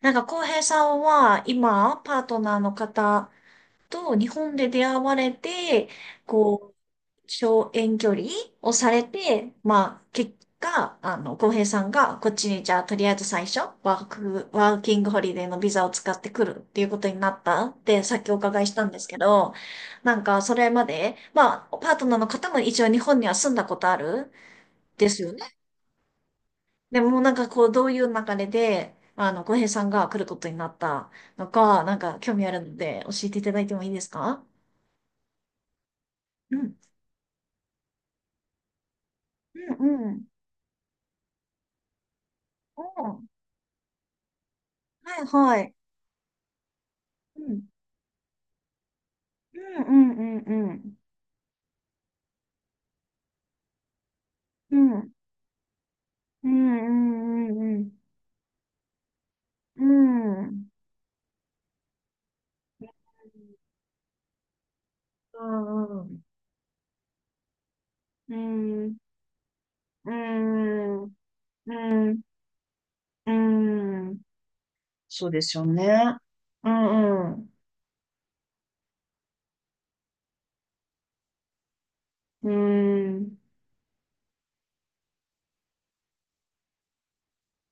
浩平さんは、今、パートナーの方と日本で出会われて、こう、小遠距離をされて、まあ、結果、浩平さんが、こっちに、じゃあ、とりあえず最初、ワーキングホリデーのビザを使ってくるっていうことになったって、さっきお伺いしたんですけど、それまで、まあ、パートナーの方も一応日本には住んだことあるですよね。でもうなんかこう、どういう流れで、浩平さんが来ることになったのか、なんか興味あるので教えていただいてもいいですか？うん。うん、うん。おー、はい、はい。うん、うん、うん、うん。うん、うん、うん、うん。うん。うんうん、うん、うん、うん、うん、うん、そうですよね。うん、うん、うん、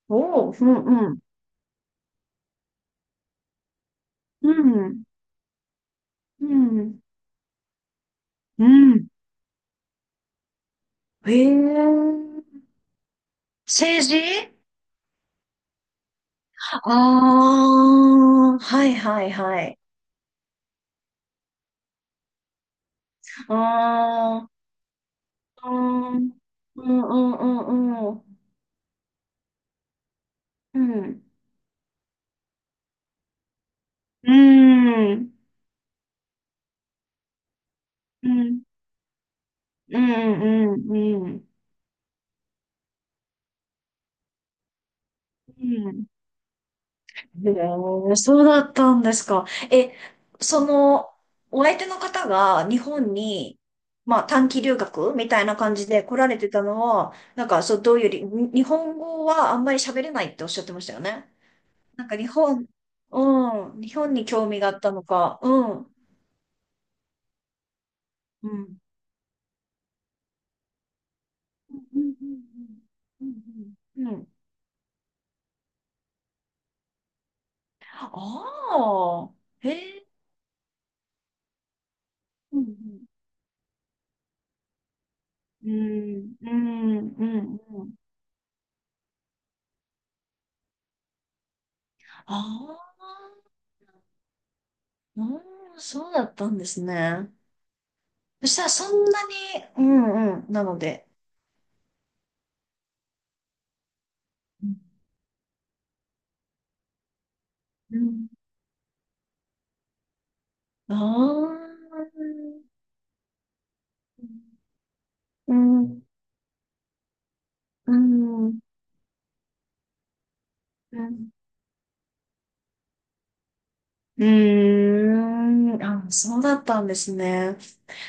おー、うん、うん、うん、うん、うん。へえ。政治。ああー、はいはいはい。ああ、うん、うんうんうんうん。うん。うん。うん。うんうんうんうん。うん。へえ、そうだったんですか。え、その、お相手の方が日本に、まあ短期留学みたいな感じで来られてたのは、そう、どういうり、に日本語はあんまり喋れないっておっしゃってましたよね。なんか日本、うん、日本に興味があったのか、うん、うん。うん。ああー、へえ。うん、うん、うん、うん。うん、ああ。うーん、そうだったんですね。そしたらそんなに、うんうん、なので。うん。ああー、うん、うん、うん。うーん、あ、そうだったんですね。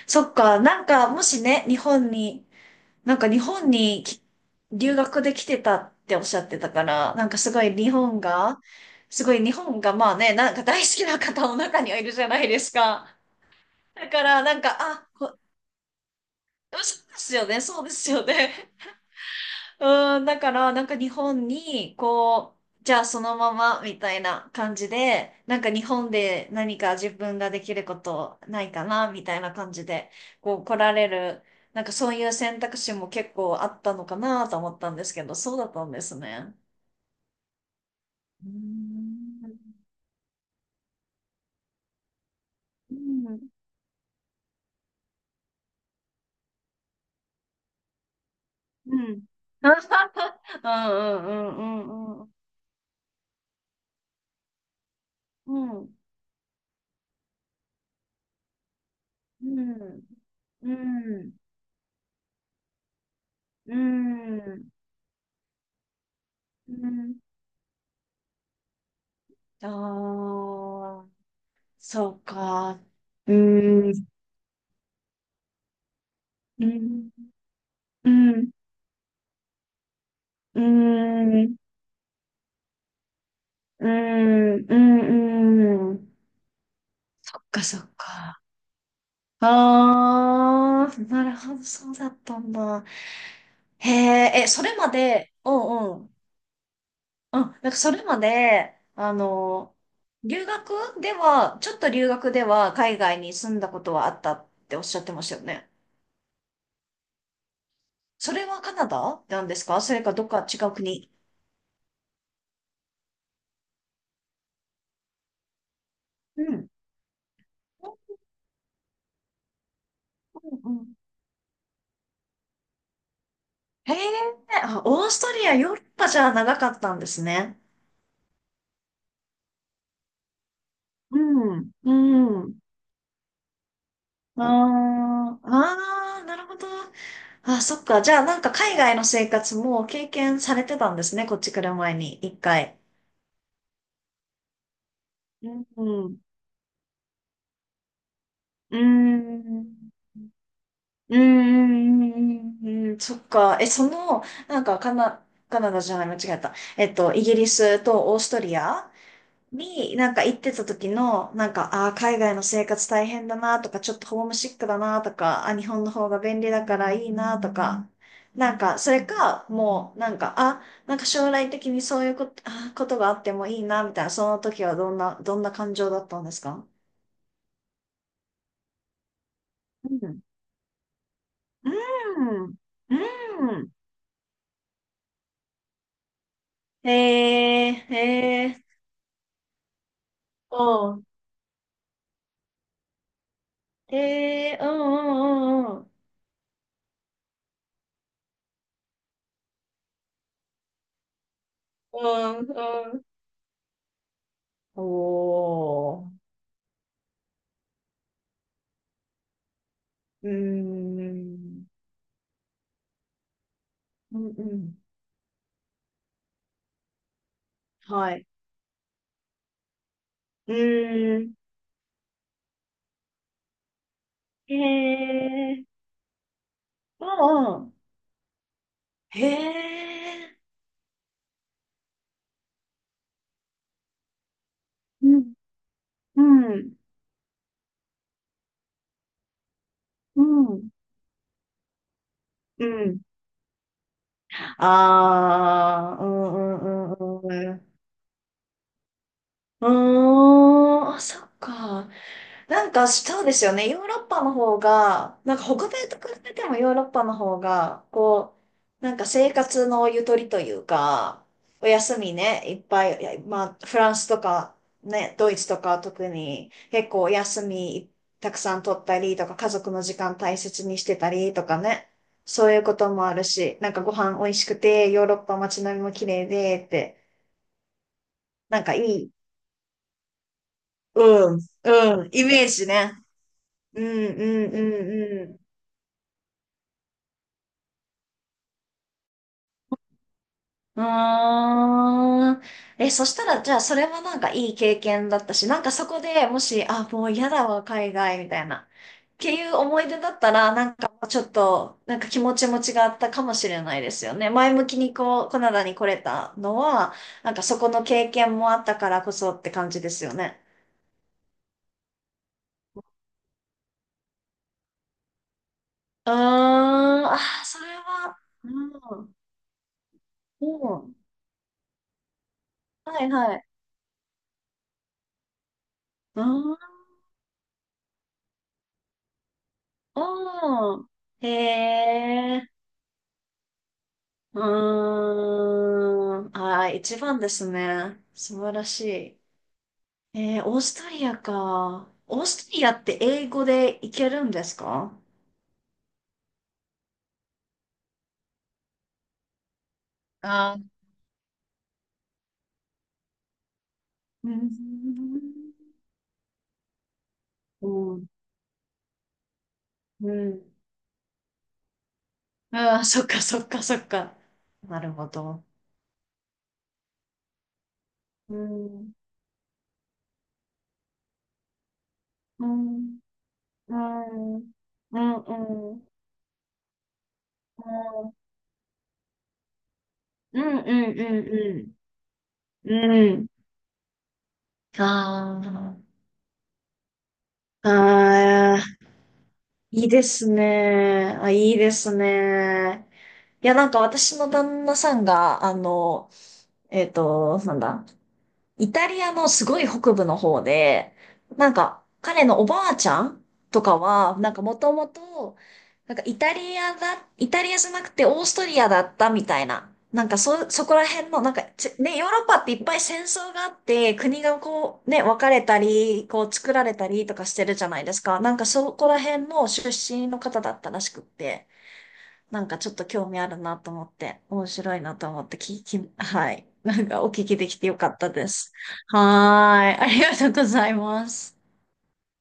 そっか、もしね、日本に留学で来てたっておっしゃってたから、なんかすごい日本が、すごい日本がまあね、なんか大好きな方も中にはいるじゃないですか。だから、そうですよね、そうですよね。うん、だから、なんか日本に、こう、じゃあそのままみたいな感じで、なんか日本で何か自分ができることないかな、みたいな感じで、こう来られる、なんかそういう選択肢も結構あったのかなと思ったんですけど、そうだったんですね。うーん。うん。うん。うんうんうんうんうん。うん。うん。うん。うん。うん。ああ、そうか。うーん、うん、うん、うん、うん、うん、うん。そっかそっか。ああ、なるほど、そうだったんだ。へえ、え、それまで、うんうん。うん、なんかそれまで、留学では、ちょっと留学では海外に住んだことはあったっておっしゃってましたよね。それはカナダなんですか、それかどっか違う国。うんうんうん、へえ、あ、オーストリア、ヨーロッパじゃ長かったんですね。うん、うん。あーあー、なるほど。あ、そっか。じゃあ、なんか海外の生活も経験されてたんですね。こっち来る前に、一回。うん、うん。うん。うん、そっか。え、その、カナダじゃない、間違えた。イギリスとオーストリアに、なんか行ってた時の、なんか、ああ、海外の生活大変だなとか、ちょっとホームシックだなとか、あ、日本の方が便利だからいいなとか、なんか、それか、もう、なんか、あ、なんか将来的にそういうこと、あー、ことがあってもいいな、みたいな、その時はどんな感情だったんですか？うん。うん。うん。へえ、へえ、おう、へえ、うんうんうんうん。うん、うん。おー。うーん。うんうん。はい。うーん。へえ。ああ。へえ。うん。うん。うん。うん。ああ。うんうんうんうん。うーん。あ、そっか。なんかそうですよね。ヨーロッパの方が、なんか北米と比べてもヨーロッパの方が、なんか生活のゆとりというか、お休みね、いっぱい、いやまあフランスとかね、ドイツとかは特に結構お休みたくさん取ったりとか、家族の時間大切にしてたりとかね、そういうこともあるし、なんかご飯美味しくて、ヨーロッパ街並みも綺麗でって、なんかいい、うん、うん、イメージね。うん、うん、うん、うん。うーん。え、そしたら、じゃあ、それはなんかいい経験だったし、なんかそこでもし、あ、もう嫌だわ、海外、みたいな、っていう思い出だったら、なんかもうちょっと、なんか気持ちも違ったかもしれないですよね。前向きにこう、カナダに来れたのは、なんかそこの経験もあったからこそって感じですよね。うーん、あー、それは、うん、うん、はいはい。うん、うん。へえ。うーん。あー、一番ですね。素晴らしい。えー、オーストリアか。オーストリアって英語でいけるんですか？あー、うん。うん。うん。ああ、そっかそっかそっか。なるほど。うん。うん。うん。うん。うん。うん。うん。うん。うん。うん。ああ。ああ。いいですね。あ、いいですね。いや、なんか私の旦那さんが、あの、えっと、なんだ、イタリアのすごい北部の方で、なんか彼のおばあちゃんとかは、なんかもともと、イタリアじゃなくてオーストリアだったみたいな。そこら辺の、ね、ヨーロッパっていっぱい戦争があって、国がこう、ね、分かれたり、こう作られたりとかしてるじゃないですか。なんかそこら辺の出身の方だったらしくって。なんかちょっと興味あるなと思って、面白いなと思って聞き、はい。なんかお聞きできてよかったです。はーい。ありがとうございます。